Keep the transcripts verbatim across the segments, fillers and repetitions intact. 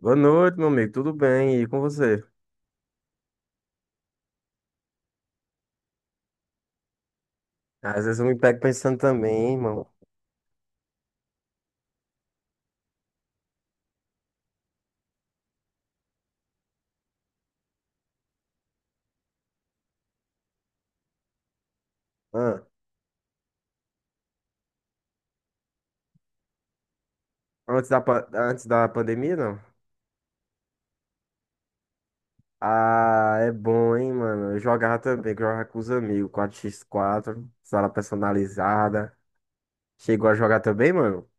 Boa noite, meu amigo. Tudo bem? E com você? Às vezes eu me pego pensando também, irmão. Ah, antes da, pa- antes da pandemia, não? Ah, é bom, hein, mano? Eu jogava também, que eu jogava com os amigos, quatro por quatro, sala personalizada. Chegou a jogar também, mano?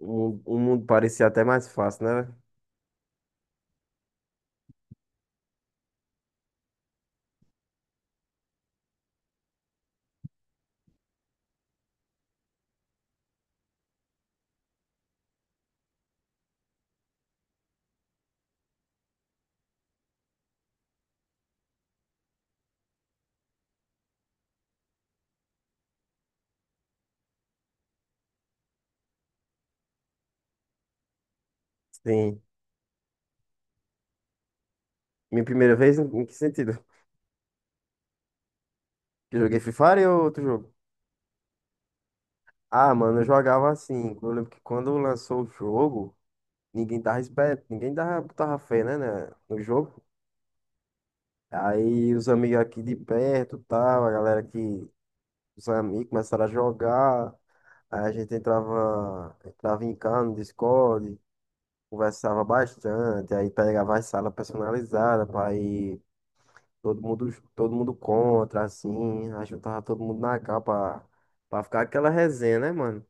O, o mundo parecia até mais fácil, né? Sim. Minha primeira vez, em em que sentido? Que eu joguei Free Fire ou outro jogo? Ah, mano, eu jogava assim. Eu lembro que quando lançou o jogo, ninguém dava esperto, ninguém dava, botava fé, né, né, no jogo. Aí os amigos aqui de perto, tal, a galera que os amigos começaram a jogar. Aí a gente entrava, entrava em casa no Discord, conversava bastante, aí pegava as salas personalizadas para ir todo mundo, todo mundo contra, assim, aí juntava todo mundo na capa para ficar aquela resenha, né, mano?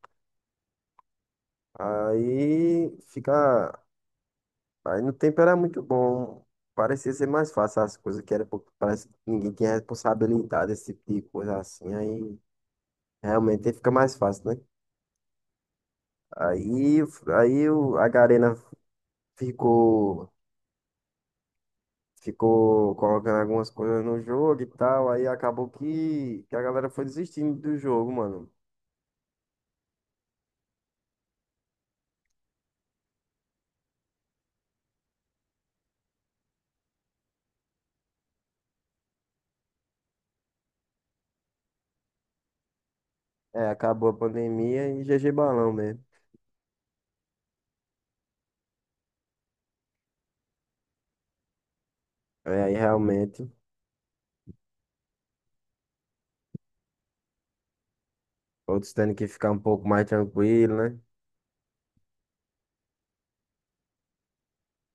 Aí fica. Aí no tempo era muito bom. Parecia ser mais fácil as coisas, que era porque parece que ninguém tinha responsabilidade, esse tipo de coisa assim. Aí realmente fica mais fácil, né? Aí, aí o- a Garena ficou, ficou colocando algumas coisas no jogo e tal. Aí acabou que, que a galera foi desistindo do jogo, mano. É, acabou a pandemia e G G Balão mesmo. É, aí realmente, outros tendo que ficar um pouco mais tranquilo, né?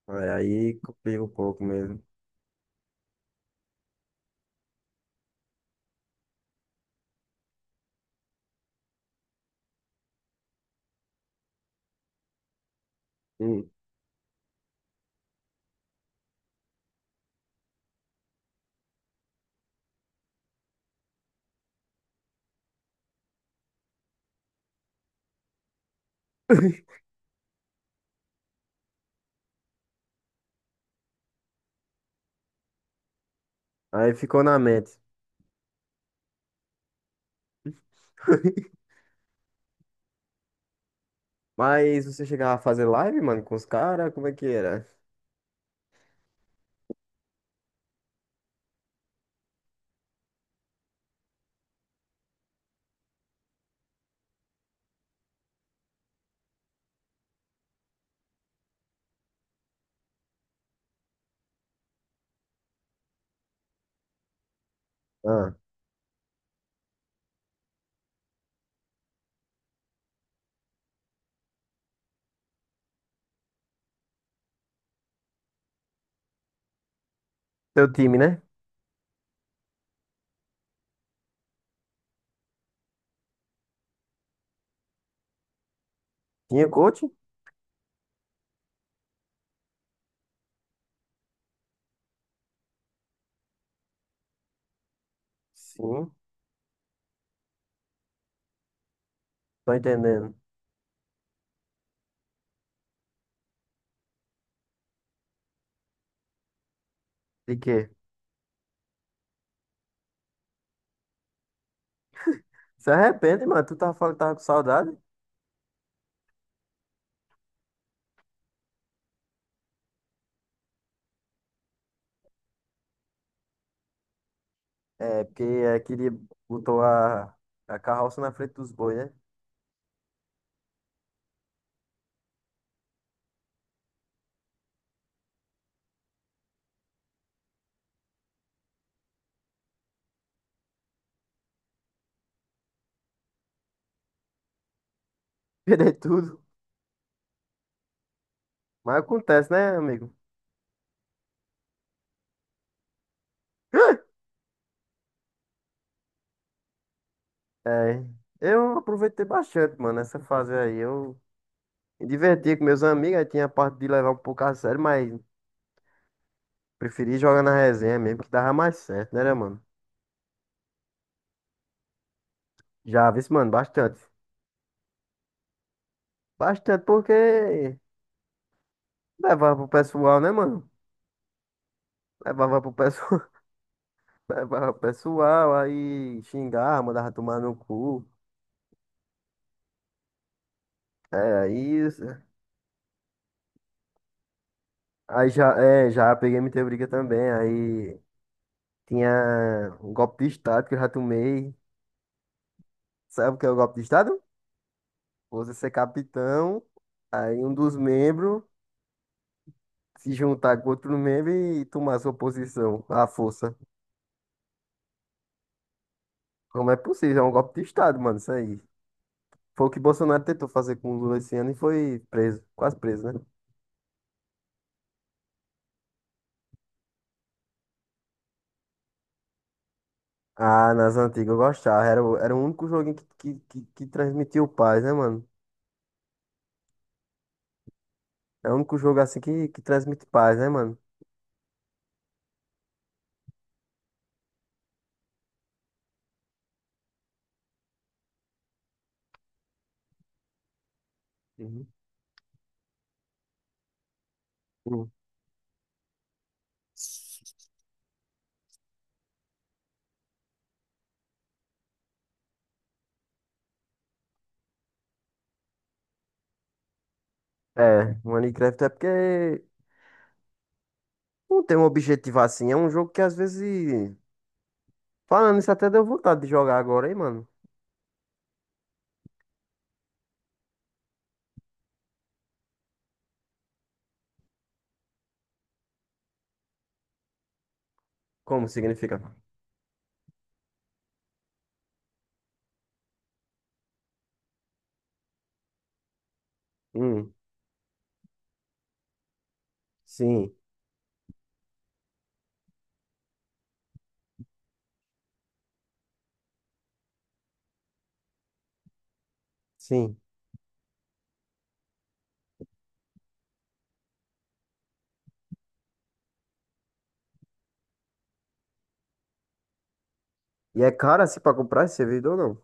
É, aí complica um pouco mesmo. Hum. Aí ficou na mente. Mas você chegava a fazer live, mano, com os caras? Como é que era? Ah, teu time, né? Tinha coach? Sim, tô entendendo. De quê? Se arrepende, mano. Tu tava falando que tava com saudade? É, porque é, queria, botou a, a carroça na frente dos bois, né? Perder tudo. Mas acontece, né, amigo? É, eu aproveitei bastante, mano, essa fase aí. Eu me divertia com meus amigos, aí tinha a parte de levar um pouco a sério, mas preferi jogar na resenha mesmo, que dava mais certo, né, né, mano? Já vi, mano, bastante. Bastante porque levava pro pessoal, né, mano? Levava pro pessoal, levava pro pessoal, aí xingava, mandava tomar no cu. É, aí, aí já, é, já peguei muita briga também. Aí tinha um golpe de estado que eu já tomei. Sabe o que é o golpe de estado? Você ser capitão, aí um dos membros se juntar com outro membro e tomar sua posição, à força. Como é possível? É um golpe de Estado, mano, isso aí. Foi o que Bolsonaro tentou fazer com o Lula esse ano e foi preso, quase preso, né? Ah, nas antigas eu gostava. Era, o- era o único joguinho que, que, que, que transmitiu paz, né, mano? É o único jogo assim que, que transmite paz, né, mano? Uhum. Hum. É, Minecraft é porque não tem um objetivo assim. É um jogo que às vezes. Falando isso, até deu vontade de jogar agora, hein, mano? É. Como significa? Hum, sim, sim. E é caro assim pra comprar esse servidor, não?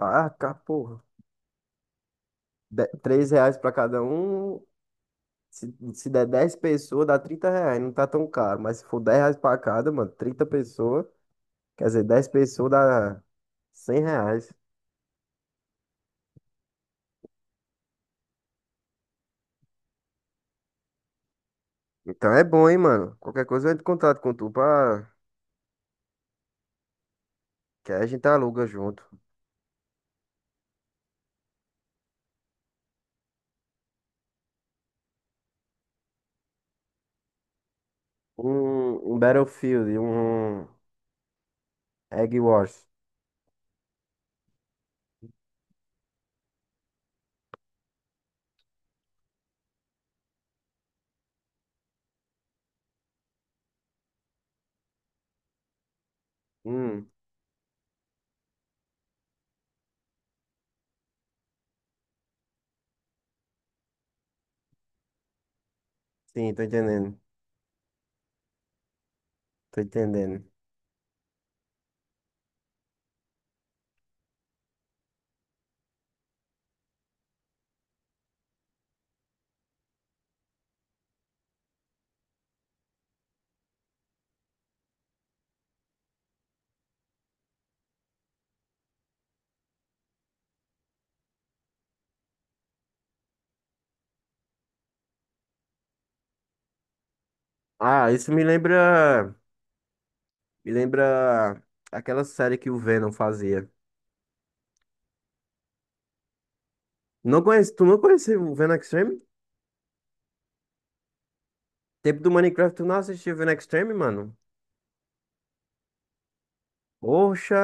Ah, cá, porra. De- Três reais para cada um. Se, se der dez pessoas, dá trinta reais. Não tá tão caro. Mas se for dez reais para cada, mano, trinta pessoas. Quer dizer, dez pessoas dá cem reais. Então é bom, hein, mano. Qualquer coisa eu entro em contato com tu pra... que aí a gente aluga junto. Um, um Battlefield, um Egg Wars. Hum, sim, tô entendendo. Tô entendendo. Ah, isso me lembra. Me lembra aquela série que o Venom fazia. Não conhece, tu não conheceu o Venom Extreme? Tempo do Minecraft, tu não assistiu Vivendo Extreme, mano? Poxa,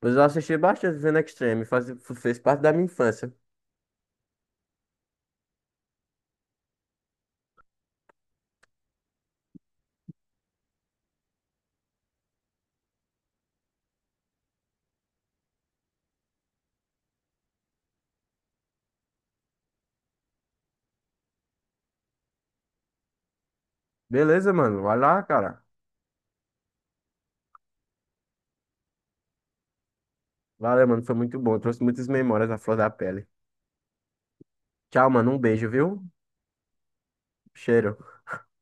mas eu já assisti bastante Vivendo Extreme, faz, fez parte da minha infância. Beleza, mano. Vai lá, cara. Valeu, mano, foi muito bom, trouxe muitas memórias à flor da pele. Tchau, mano, um beijo, viu? Cheiro.